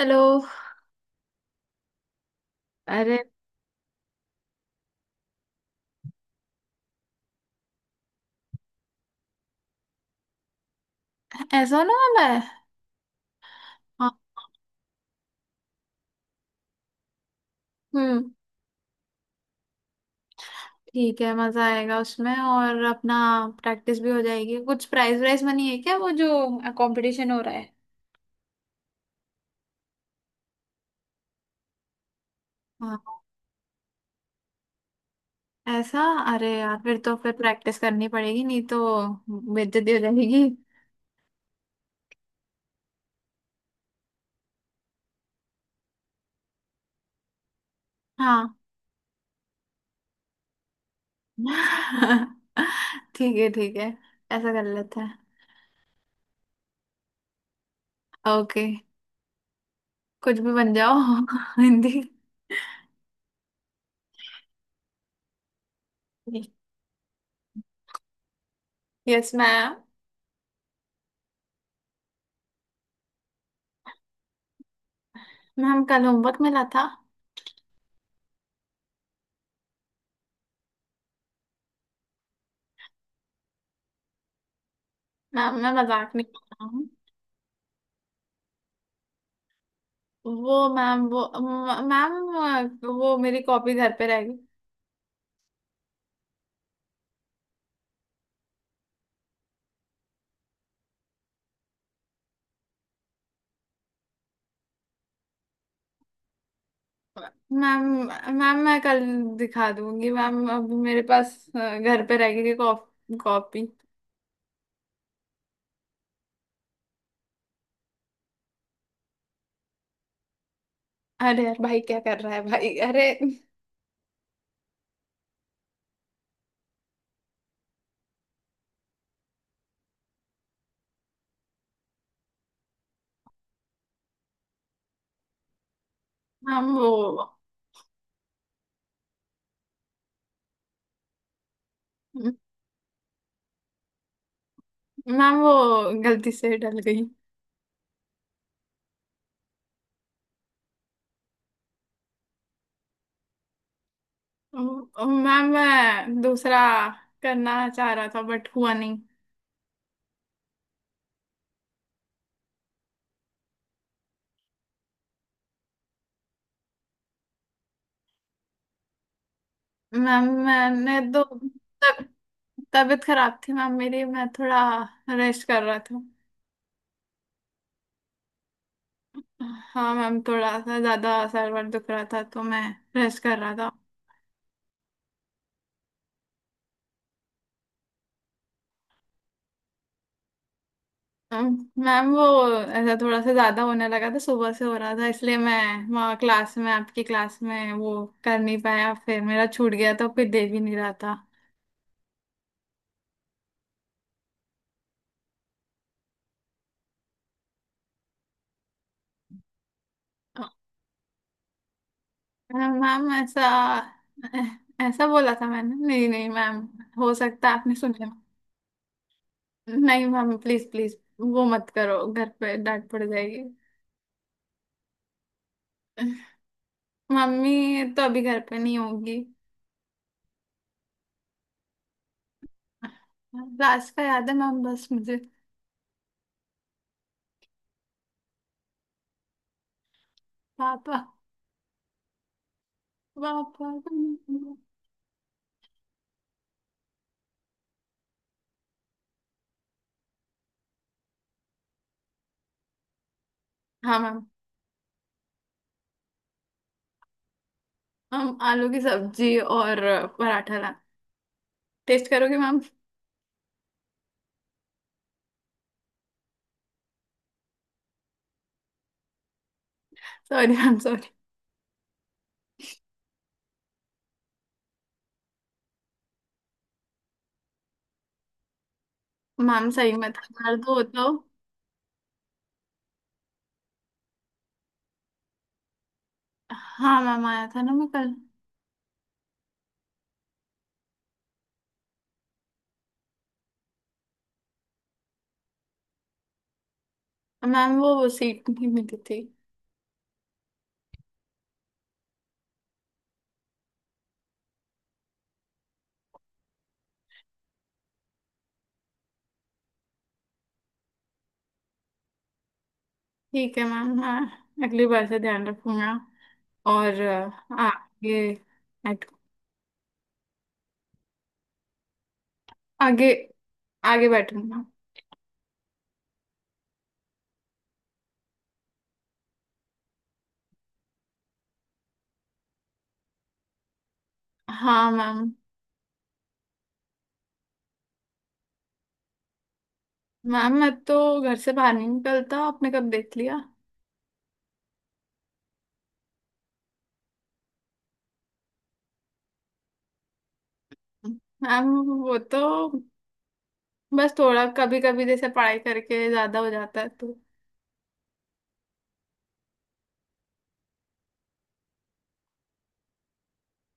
Hello. अरे। ऐसा ना मैं। हाँ। हम्म। ठीक है, मजा आएगा उसमें और अपना प्रैक्टिस भी हो जाएगी। कुछ प्राइज वाइज मनी है क्या वो जो कंपटीशन हो रहा है? हाँ। ऐसा? अरे यार, फिर तो फिर प्रैक्टिस करनी पड़ेगी, नहीं तो बेइज्जती हो जाएगी। हाँ। ठीक है ठीक है, ऐसा कर लेते हैं। ओके। कुछ भी बन जाओ। हिंदी। Yes ma'am. मैम, कल होमवर्क मिला था। मैम, मैं मजाक नहीं कर रहा हूँ। वो मैम, वो मैम, वो मेरी कॉपी घर पे रह गई। मैम मैम मैं कल दिखा दूंगी मैम, अभी मेरे पास घर पे रह गई है कॉपी। अरे यार भाई, क्या कर रहा है भाई, अरे। मैम वो। मैम, वो गलती से डल गई। मैम, मैं दूसरा करना चाह रहा था बट हुआ नहीं। मैम, मैंने तो। तब तबीयत खराब थी मैम मेरी, मैं थोड़ा रेस्ट कर रहा था। हाँ मैम, थोड़ा सा ज्यादा सर वर दुख रहा था, तो मैं रेस्ट कर रहा था। अम, मैम वो, ऐसा थोड़ा सा ज्यादा होने लगा था, सुबह से हो रहा था इसलिए मैं वहाँ क्लास में आपकी क्लास में वो कर नहीं पाया, फिर मेरा छूट गया तो फिर दे भी नहीं रहा था। अ, मैम, ऐसा ऐ- ऐसा बोला था मैंने, नहीं नहीं मैम, हो सकता है आपने सुन लिया। नहीं मैम, प्लीज प्लीज वो मत करो, घर पे डांट पड़ जाएगी। मम्मी तो अभी घर पे नहीं होगी। रास्ता याद है मैम, बस मुझे। पापा। पापा। हाँ मैम। हम आलू की सब्जी और पराठा ला। टेस्ट करोगे ma'am? Sorry ma'am sorry. Ma'am, सही में था, दर्द हो तो। हाँ मैम, आया था ना मैं कल। मैम वो सीट नहीं मिली थी। ठीक है मैम, मैं अगली बार से ध्यान रखूंगा और आगे। आगे आगे बैठूंगा। हाँ मैम। मैम, मैं तो घर से बाहर नहीं निकलता, आपने कब देख लिया? हम, वो तो बस थोड़ा कभी कभी जैसे पढ़ाई करके ज्यादा हो जाता है तो।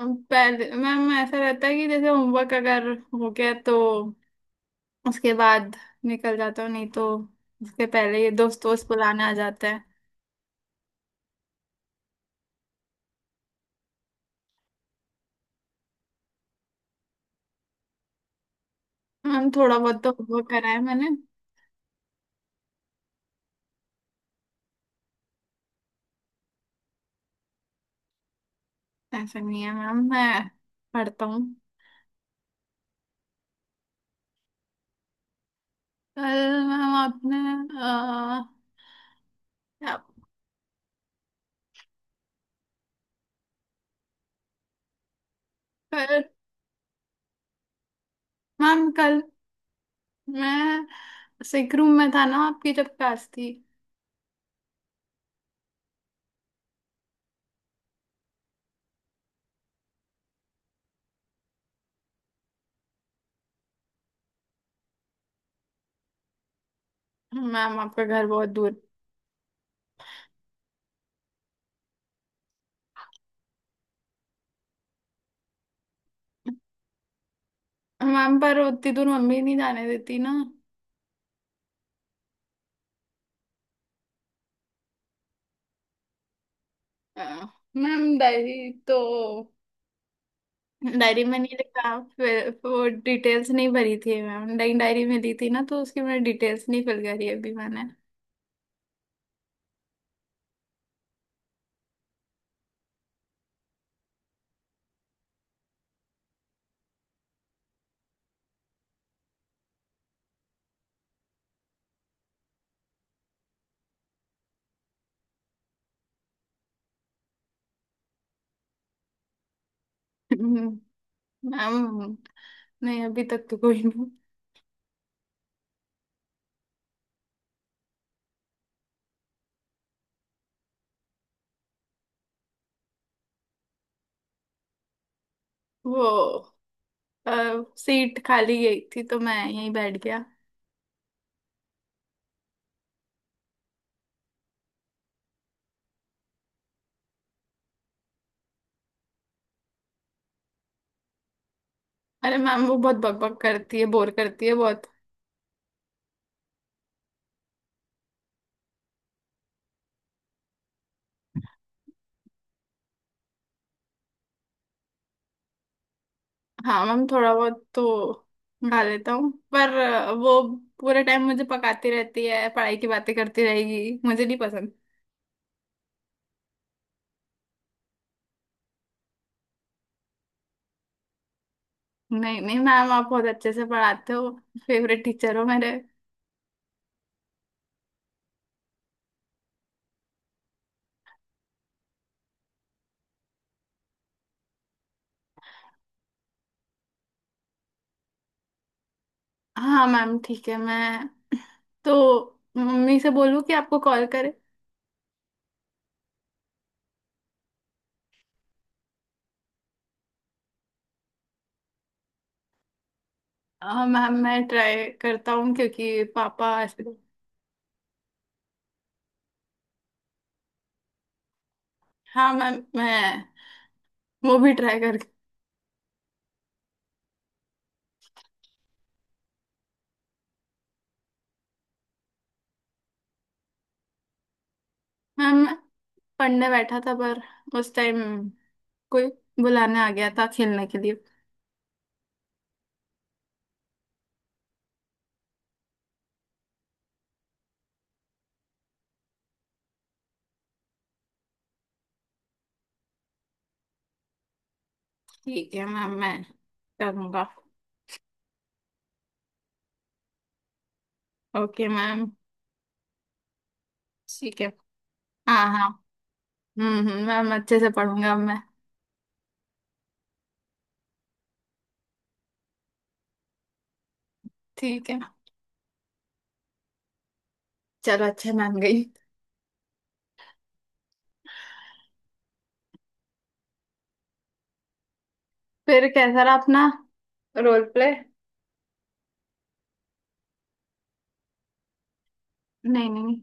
हम, पहले मैम ऐसा रहता है कि जैसे होमवर्क अगर हो गया तो उसके बाद निकल जाता हूँ, नहीं तो उसके पहले ये दोस्त दोस्त बुलाने आ जाते हैं। मैम, थोड़ा बहुत तो होमवर्क करा है मैंने। ऐसा नहीं है मैम, मैं पढ़ता हूँ। कल मैम आपने। अ, क्या- कल मैम, कल मैं सिक रूम में था ना, आपकी जब क्लास थी। मैम, आपका घर बहुत दूर। मैम, पर उतनी दूर मम्मी नहीं जाने देती ना। अ, मैम, डायरी तो डायरी में नहीं लिखा, फिर वो डिटेल्स नहीं भरी थी मैम, डायरी डायरी मिली थी ना तो उसकी मैंने डिटेल्स नहीं फिल करी अभी मैंने। हम्म, मैम, नहीं अभी तक तो कोई नहीं। वो सीट खाली गई थी तो मैं यहीं बैठ गया। अरे मैम, वो बहुत बकबक करती है, बोर करती है बहुत। हाँ मैम, थोड़ा बहुत तो गा लेता हूँ, पर वो पूरे टाइम मुझे पकाती रहती है, पढ़ाई की बातें करती रहेगी, मुझे नहीं पसंद। नहीं नहीं मैम, आप बहुत अच्छे से पढ़ाते हो, फेवरेट टीचर हो मेरे। हाँ मैम, ठीक है, मैं तो मम्मी से बोलूँ कि आपको कॉल करे? हाँ मैम, मैं ट्राई करता हूँ क्योंकि पापा ऐसे। हाँ मैम, मैं वो भी ट्राई करके। मैम, मैं पढ़ने बैठा था पर उस टाइम कोई बुलाने आ गया था खेलने के लिए। ठीक है मैम, मैं करूँगा। Okay ma'am. ठीक है। हाँ हाँ। मैम, अच्छे से पढ़ूंगा अब मैं। ठीक है। चलो, अच्छा, मान गई। फिर कैसा रहा अपना रोल प्ले? नहीं नहीं।